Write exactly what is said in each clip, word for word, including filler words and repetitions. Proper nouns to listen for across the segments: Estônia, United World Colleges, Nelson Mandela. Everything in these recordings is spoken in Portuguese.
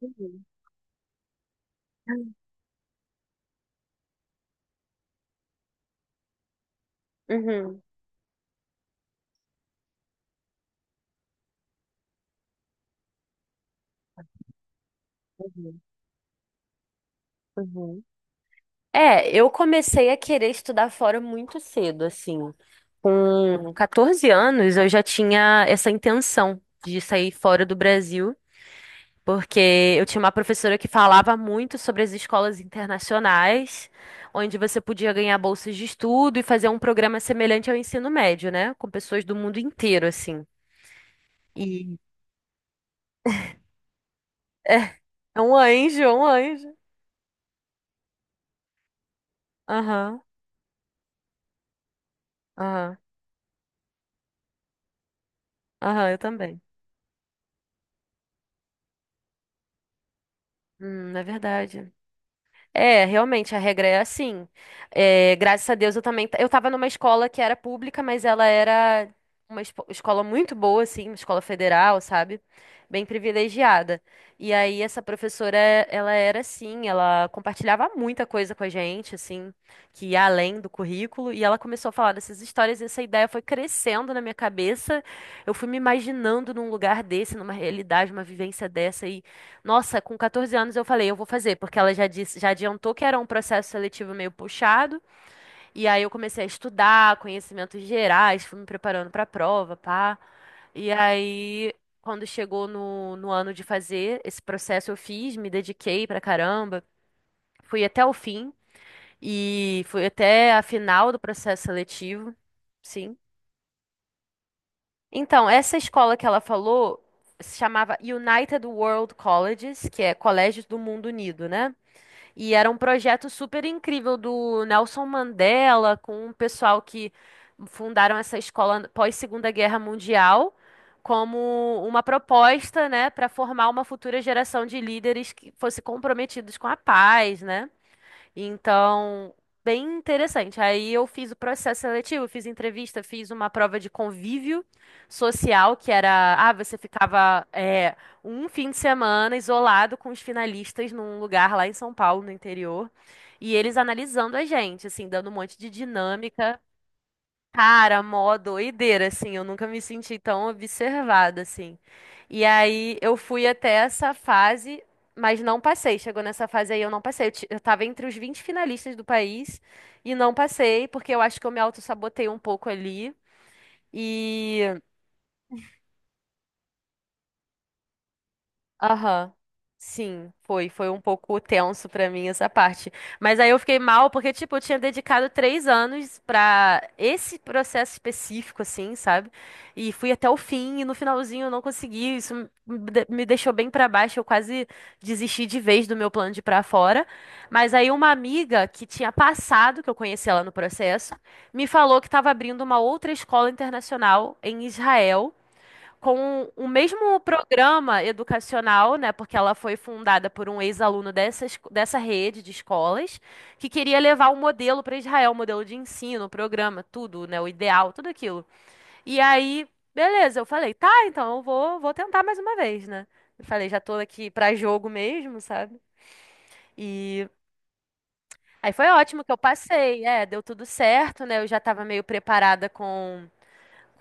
Uhum. Uhum. Uhum, uhum. É, eu comecei a querer estudar fora muito cedo, assim. Com quatorze anos, eu já tinha essa intenção de sair fora do Brasil, porque eu tinha uma professora que falava muito sobre as escolas internacionais, onde você podia ganhar bolsas de estudo e fazer um programa semelhante ao ensino médio, né? Com pessoas do mundo inteiro, assim. E é um anjo, é um anjo. Aham, aham, aham, eu também. Hum, é verdade. É, realmente, a regra é assim. É, graças a Deus eu também. Eu tava numa escola que era pública, mas ela era uma espo- escola muito boa, assim, uma escola federal, sabe? Bem privilegiada. E aí, essa professora, ela era assim, ela compartilhava muita coisa com a gente, assim, que ia além do currículo. E ela começou a falar dessas histórias, e essa ideia foi crescendo na minha cabeça. Eu fui me imaginando num lugar desse, numa realidade, uma vivência dessa. Nossa, com quatorze anos eu falei, eu vou fazer, porque ela já disse, já adiantou que era um processo seletivo meio puxado, e aí eu comecei a estudar conhecimentos gerais, fui me preparando para a prova, pá. E aí, quando chegou no, no ano de fazer esse processo, eu fiz, me dediquei pra caramba, fui até o fim e fui até a final do processo seletivo, sim. Então, essa escola que ela falou se chamava United World Colleges, que é Colégios do Mundo Unido, né? E era um projeto super incrível do Nelson Mandela, com o pessoal que fundaram essa escola pós-Segunda Guerra Mundial, como uma proposta, né, para formar uma futura geração de líderes que fosse comprometidos com a paz, né? Então, bem interessante. Aí eu fiz o processo seletivo, fiz entrevista, fiz uma prova de convívio social, que era, ah, você ficava é, um fim de semana isolado com os finalistas num lugar lá em São Paulo, no interior, e eles analisando a gente, assim, dando um monte de dinâmica. Cara, mó doideira, assim, eu nunca me senti tão observada, assim. E aí eu fui até essa fase, mas não passei. Chegou nessa fase aí, eu não passei. Eu, ti- eu tava entre os vinte finalistas do país e não passei, porque eu acho que eu me autossabotei um pouco ali. Aham. Sim, foi, foi um pouco tenso pra mim essa parte. Mas aí eu fiquei mal porque, tipo, eu tinha dedicado três anos pra esse processo específico, assim, sabe? E fui até o fim e no finalzinho eu não consegui. Isso me de- me deixou bem pra baixo. Eu quase desisti de vez do meu plano de ir pra fora. Mas aí uma amiga que tinha passado, que eu conheci ela no processo, me falou que estava abrindo uma outra escola internacional em Israel com o mesmo programa educacional, né, porque ela foi fundada por um ex-aluno dessa, esco- dessa rede de escolas, que queria levar o modelo para Israel, o modelo de ensino, o programa, tudo, né, o ideal, tudo aquilo. E aí, beleza, eu falei, tá, então eu vou, vou tentar mais uma vez, né? Eu falei, já tô aqui para jogo mesmo, sabe? E aí foi ótimo que eu passei, é, deu tudo certo, né? Eu já tava meio preparada com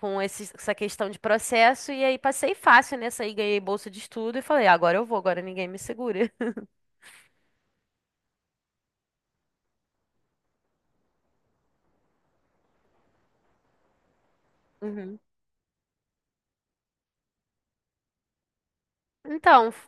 com esse- essa questão de processo e aí passei fácil nessa aí, ganhei bolsa de estudo e falei, "Ah, agora eu vou, agora ninguém me segura. Uhum. Então, f-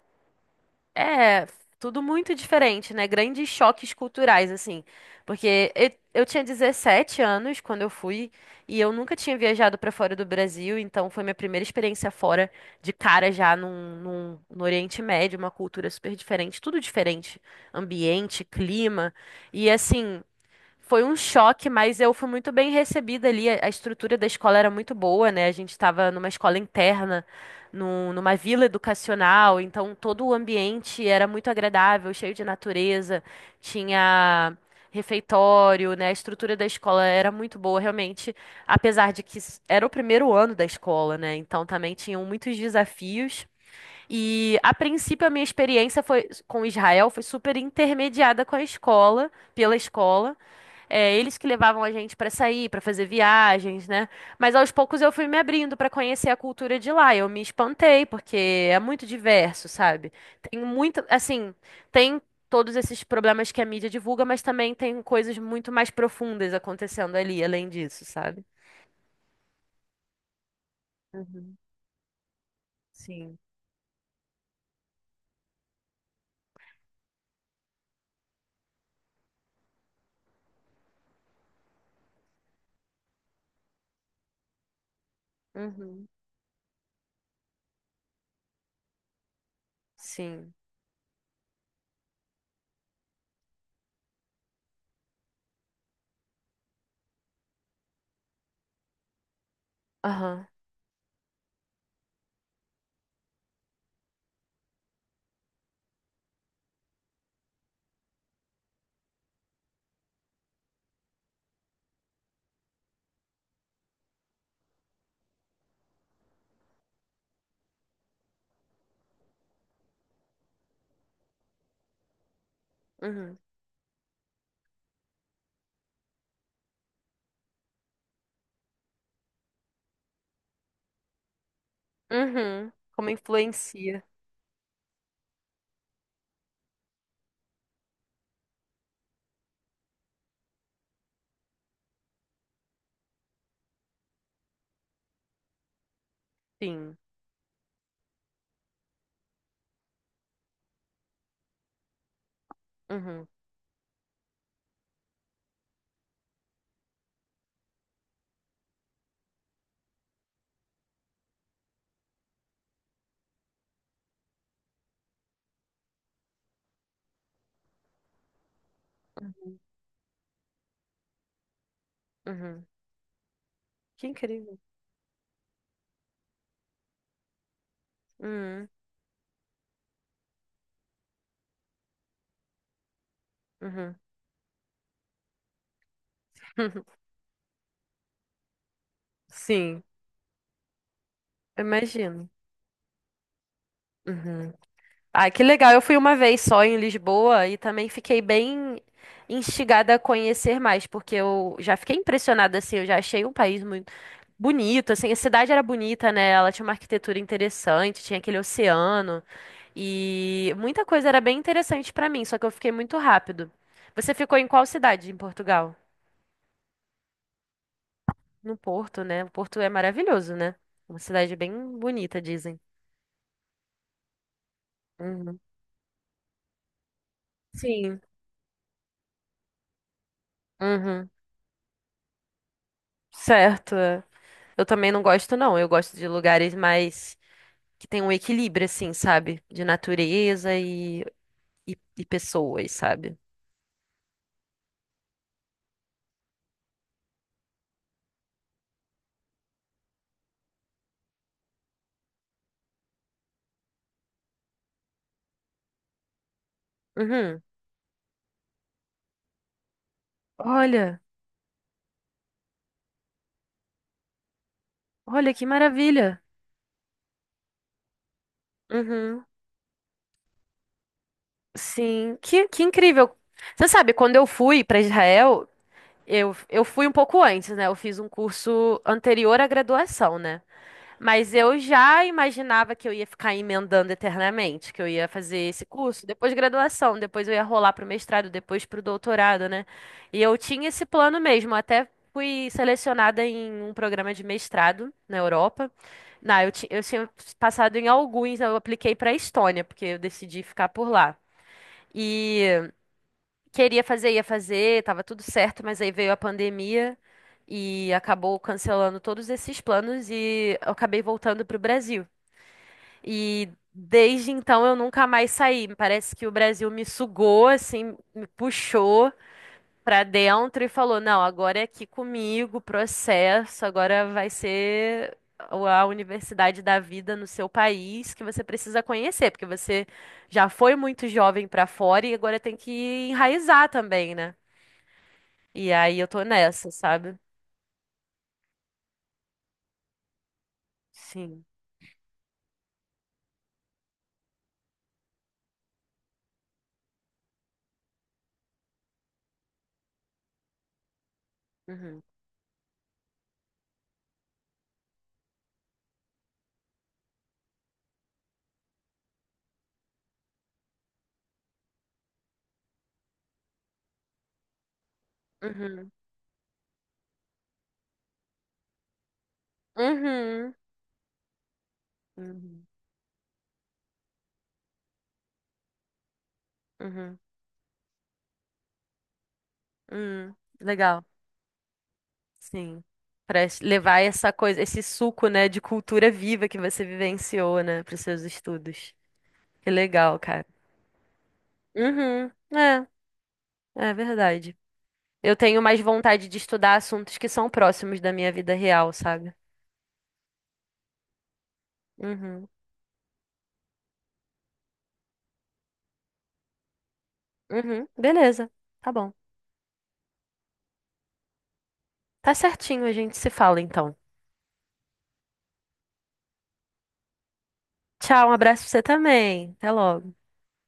é tudo muito diferente, né? Grandes choques culturais, assim. Porque eu, eu tinha dezessete anos quando eu fui e eu nunca tinha viajado para fora do Brasil, então foi minha primeira experiência fora de cara já num, num- no Oriente Médio, uma cultura super diferente, tudo diferente, ambiente, clima. E assim. Foi um choque, mas eu fui muito bem recebida ali. A a estrutura da escola era muito boa, né? A gente estava numa escola interna, num- numa vila educacional, então todo o ambiente era muito agradável, cheio de natureza, tinha refeitório, né? A estrutura da escola era muito boa, realmente, apesar de que s- era o primeiro ano da escola, né? Então também tinham muitos desafios. E a princípio a minha experiência foi com Israel foi super intermediada com a escola, pela escola. É, eles que levavam a gente pra sair, pra fazer viagens, né? Mas aos poucos eu fui me abrindo pra conhecer a cultura de lá. Eu me espantei, porque é muito diverso, sabe? Tem muito, assim, tem todos esses problemas que a mídia divulga, mas também tem coisas muito mais profundas acontecendo ali, além disso, sabe? Uhum, sim. Uhum. Sim. Aham. Uhum. Uhum. Como influencia. Sim. Uhum. Uhum. Uhum. Que incrível. Uhum. Uhum. Sim. Eu imagino. Uhum. Ah, que legal. Eu fui uma vez só em Lisboa e também fiquei bem instigada a conhecer mais, porque eu já fiquei impressionada, assim, eu já achei um país muito bonito, assim, a cidade era bonita, né? Ela tinha uma arquitetura interessante, tinha aquele oceano e muita coisa era bem interessante pra mim, só que eu fiquei muito rápido. Você ficou em qual cidade em Portugal? No Porto, né? O Porto é maravilhoso, né? Uma cidade bem bonita, dizem. Uhum. Sim. Uhum. Certo. É. Eu também não gosto, não. Eu gosto de lugares mais que tem um equilíbrio, assim, sabe? De natureza e, e, e pessoas, sabe? Uhum. Olha, olha que maravilha. Uhum. Sim, que, que incrível. Você sabe, quando eu fui para Israel, eu, eu fui um pouco antes, né? Eu fiz um curso anterior à graduação, né? Mas eu já imaginava que eu ia ficar emendando eternamente, que eu ia fazer esse curso, depois graduação, depois eu ia rolar para o mestrado, depois para o doutorado, né? E eu tinha esse plano mesmo, até fui selecionada em um programa de mestrado na Europa. Não, eu, ti- eu tinha passado em alguns, eu apliquei para a Estônia, porque eu decidi ficar por lá. E queria fazer, ia fazer, tava tudo certo, mas aí veio a pandemia e acabou cancelando todos esses planos e eu acabei voltando pro Brasil. E desde então eu nunca mais saí. Parece que o Brasil me sugou, assim, me puxou pra dentro e falou: não, agora é aqui comigo, processo, agora vai ser. A universidade da vida no seu país que você precisa conhecer, porque você já foi muito jovem pra fora e agora tem que enraizar também, né? E aí eu tô nessa, sabe? Sim. Uhum. Uhum. Uhum. Uhum. Uhum. Uhum. Legal. Sim. Pra es- levar essa coisa, esse suco, né, de cultura viva que você vivenciou, né, pros seus estudos. Que legal, cara. Uhum. É, é verdade. Eu tenho mais vontade de estudar assuntos que são próximos da minha vida real, sabe? Uhum. Uhum. Beleza. Tá bom. Tá certinho, a gente se fala então. Tchau, um abraço pra você também. Até logo.